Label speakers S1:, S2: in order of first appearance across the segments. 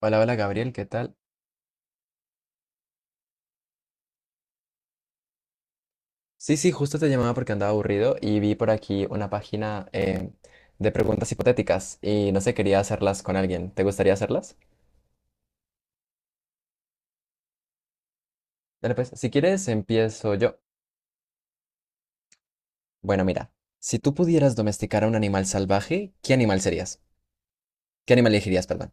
S1: Hola, hola Gabriel, ¿qué tal? Sí, sí, justo te llamaba porque andaba aburrido y vi por aquí una página de preguntas hipotéticas y no sé, quería hacerlas con alguien. ¿Te gustaría hacerlas? Dale pues, si quieres empiezo yo. Bueno, mira, si tú pudieras domesticar a un animal salvaje, ¿qué animal serías? ¿Qué animal elegirías, perdón?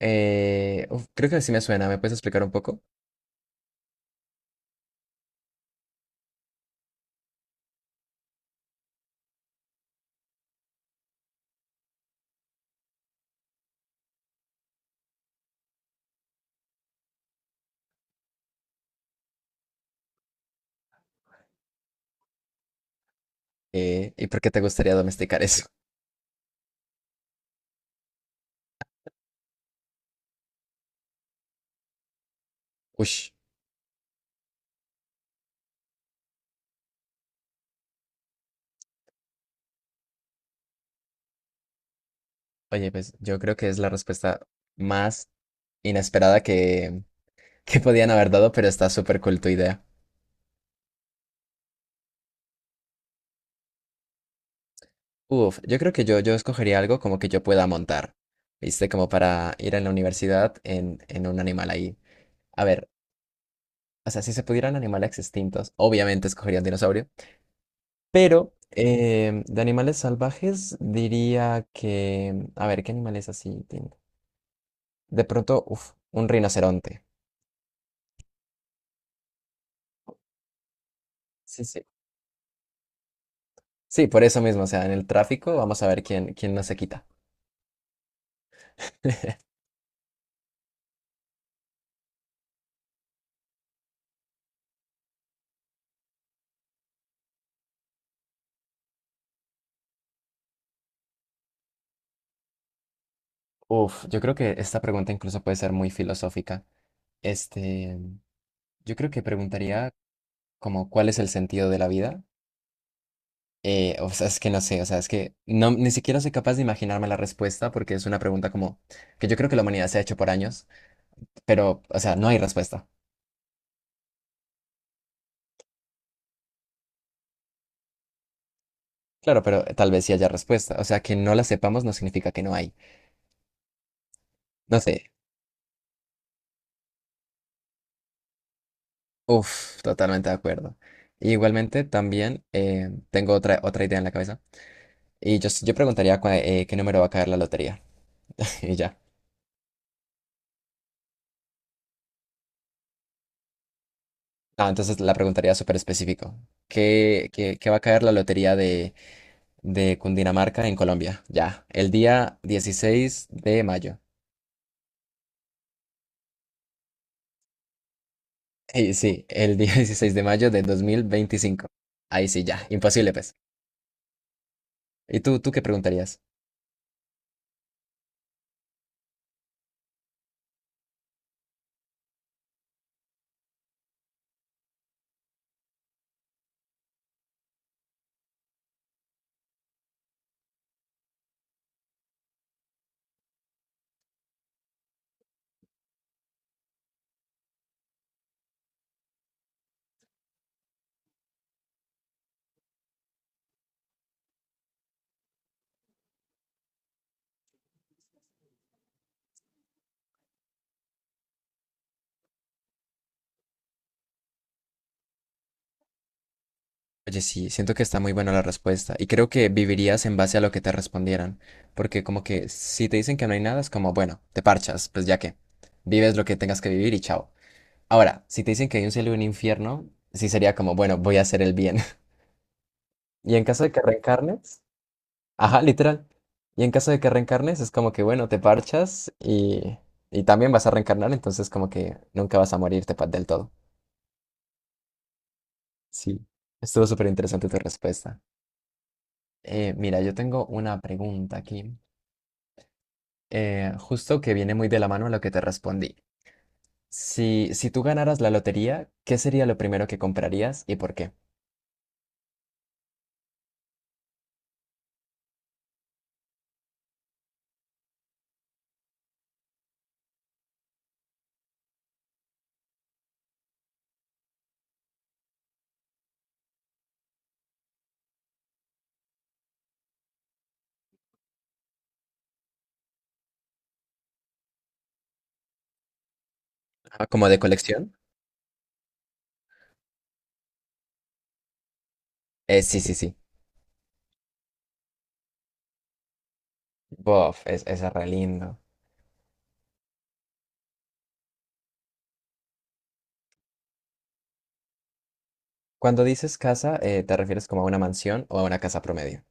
S1: Uf, creo que sí me suena, ¿me puedes explicar un poco? ¿Y por qué te gustaría domesticar eso? Ush, oye, pues yo creo que es la respuesta más inesperada que podían haber dado, pero está súper cool tu idea. Uf, yo creo que yo escogería algo como que yo pueda montar, ¿viste? Como para ir a la universidad en un animal ahí. A ver, o sea, si se pudieran animales extintos, obviamente escogería un dinosaurio, pero de animales salvajes diría que... A ver, ¿qué animales así tengo? De pronto, uf, un rinoceronte. Sí, sí. Sí, por eso mismo, o sea, en el tráfico vamos a ver quién, quién no se quita. Uf, yo creo que esta pregunta incluso puede ser muy filosófica. Este, yo creo que preguntaría como cuál es el sentido de la vida. O sea, es que no sé, o sea, es que no, ni siquiera soy capaz de imaginarme la respuesta porque es una pregunta como que yo creo que la humanidad se ha hecho por años, pero, o sea, no hay respuesta. Claro, pero tal vez sí haya respuesta. O sea, que no la sepamos no significa que no hay. No sé. Uf, totalmente de acuerdo. Igualmente, también tengo otra idea en la cabeza. Yo preguntaría qué número va a caer la lotería. Y ya. Ah, entonces la preguntaría súper específico. ¿Qué, qué va a caer la lotería de Cundinamarca en Colombia? Ya, el día 16 de mayo. Sí, sí, el día 16 de mayo de 2025. Ahí sí, ya, imposible, pues. ¿Y tú qué preguntarías? Oye, sí, siento que está muy buena la respuesta y creo que vivirías en base a lo que te respondieran, porque como que si te dicen que no hay nada, es como, bueno, te parchas, pues ya que vives lo que tengas que vivir y chao. Ahora, si te dicen que hay un cielo y un infierno, sí sería como, bueno, voy a hacer el bien. Y en caso de que reencarnes, ajá, literal. Y en caso de que reencarnes, es como que, bueno, te parchas y también vas a reencarnar, entonces como que nunca vas a morirte del todo. Sí, estuvo súper interesante tu respuesta. Mira, yo tengo una pregunta aquí, justo que viene muy de la mano a lo que te respondí. Si tú ganaras la lotería, ¿qué sería lo primero que comprarías y por qué? Ah, ¿como de colección? Sí, sí, sí. Bof, es re lindo. Cuando dices casa, ¿te refieres como a una mansión o a una casa promedio?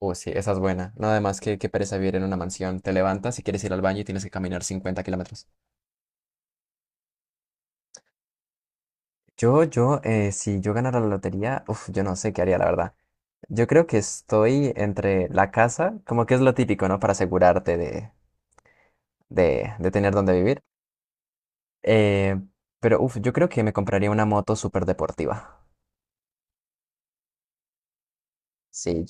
S1: Oh, sí, esa es buena. Nada además que pereza vivir en una mansión. Te levantas y quieres ir al baño y tienes que caminar 50 km. Si yo ganara la lotería, uf, yo no sé qué haría, la verdad. Yo creo que estoy entre la casa, como que es lo típico, ¿no? Para asegurarte de tener dónde vivir. Eh, pero, uf, yo creo que me compraría una moto súper deportiva. Sí,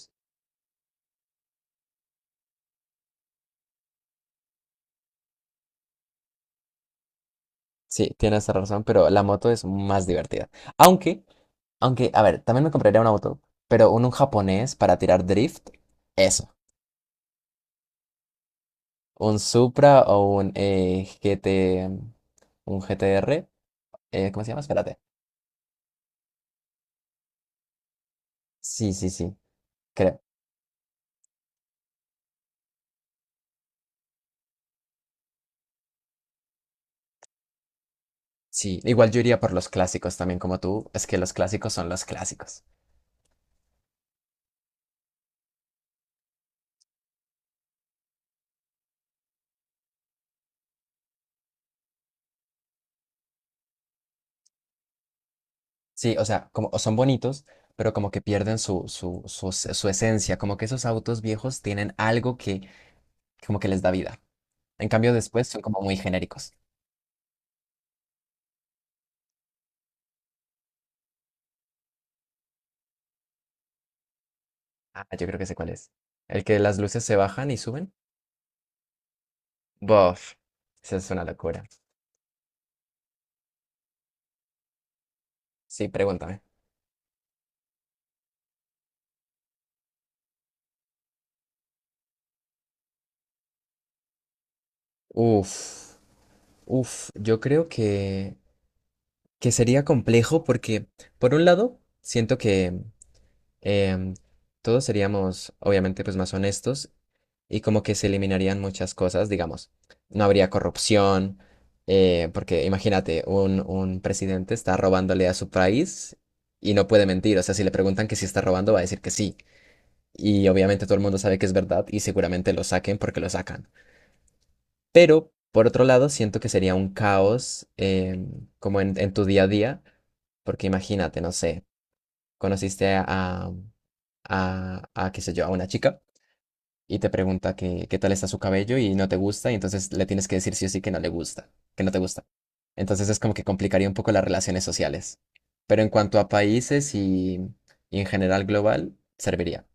S1: sí, tienes razón, pero la moto es más divertida. Aunque, aunque, a ver, también me compraría una moto, pero un japonés para tirar drift. Eso. Un Supra o un G T un G GTR, ¿cómo se llama? Espérate. Sí, sí, sí, creo. Sí, igual yo iría por los clásicos también como tú, es que los clásicos son los clásicos. Sí, o sea, como o son bonitos, pero como que pierden su esencia, como que esos autos viejos tienen algo que como que les da vida. En cambio después son como muy genéricos. Ah, yo creo que sé cuál es. El que las luces se bajan y suben. Bof, esa es una locura. Sí, pregúntame. Uf. Uf, yo creo que sería complejo porque, por un lado, siento que em, todos seríamos, obviamente, pues más honestos y como que se eliminarían muchas cosas, digamos. No habría corrupción, porque imagínate, un presidente está robándole a su país y no puede mentir. O sea, si le preguntan que si está robando, va a decir que sí. Y obviamente todo el mundo sabe que es verdad y seguramente lo saquen porque lo sacan. Pero, por otro lado, siento que sería un caos como en tu día a día, porque imagínate, no sé, conociste a, qué sé yo, a una chica y te pregunta que, qué tal está su cabello y no te gusta, y entonces le tienes que decir sí o sí que no le gusta, que no te gusta. Entonces es como que complicaría un poco las relaciones sociales. Pero en cuanto a países y en general global, serviría.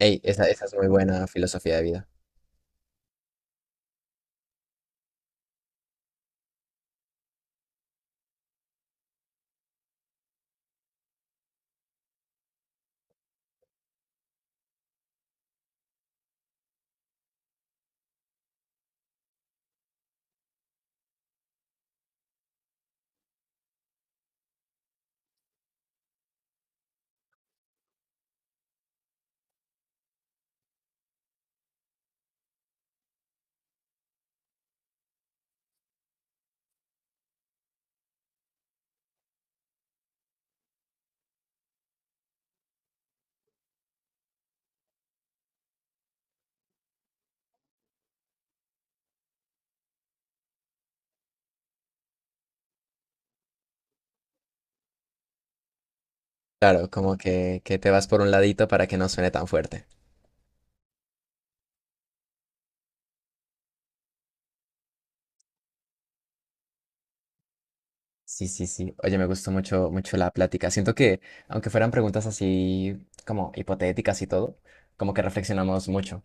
S1: Ey, esa es muy buena filosofía de vida. Claro, como que te vas por un ladito para que no suene tan fuerte. Sí, sí, sí. Oye, me gustó mucho, mucho la plática. Siento que, aunque fueran preguntas así como hipotéticas y todo, como que reflexionamos mucho.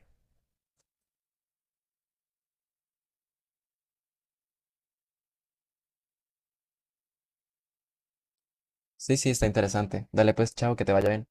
S1: Sí, sí, está interesante. Dale pues, chao, que te vaya bien.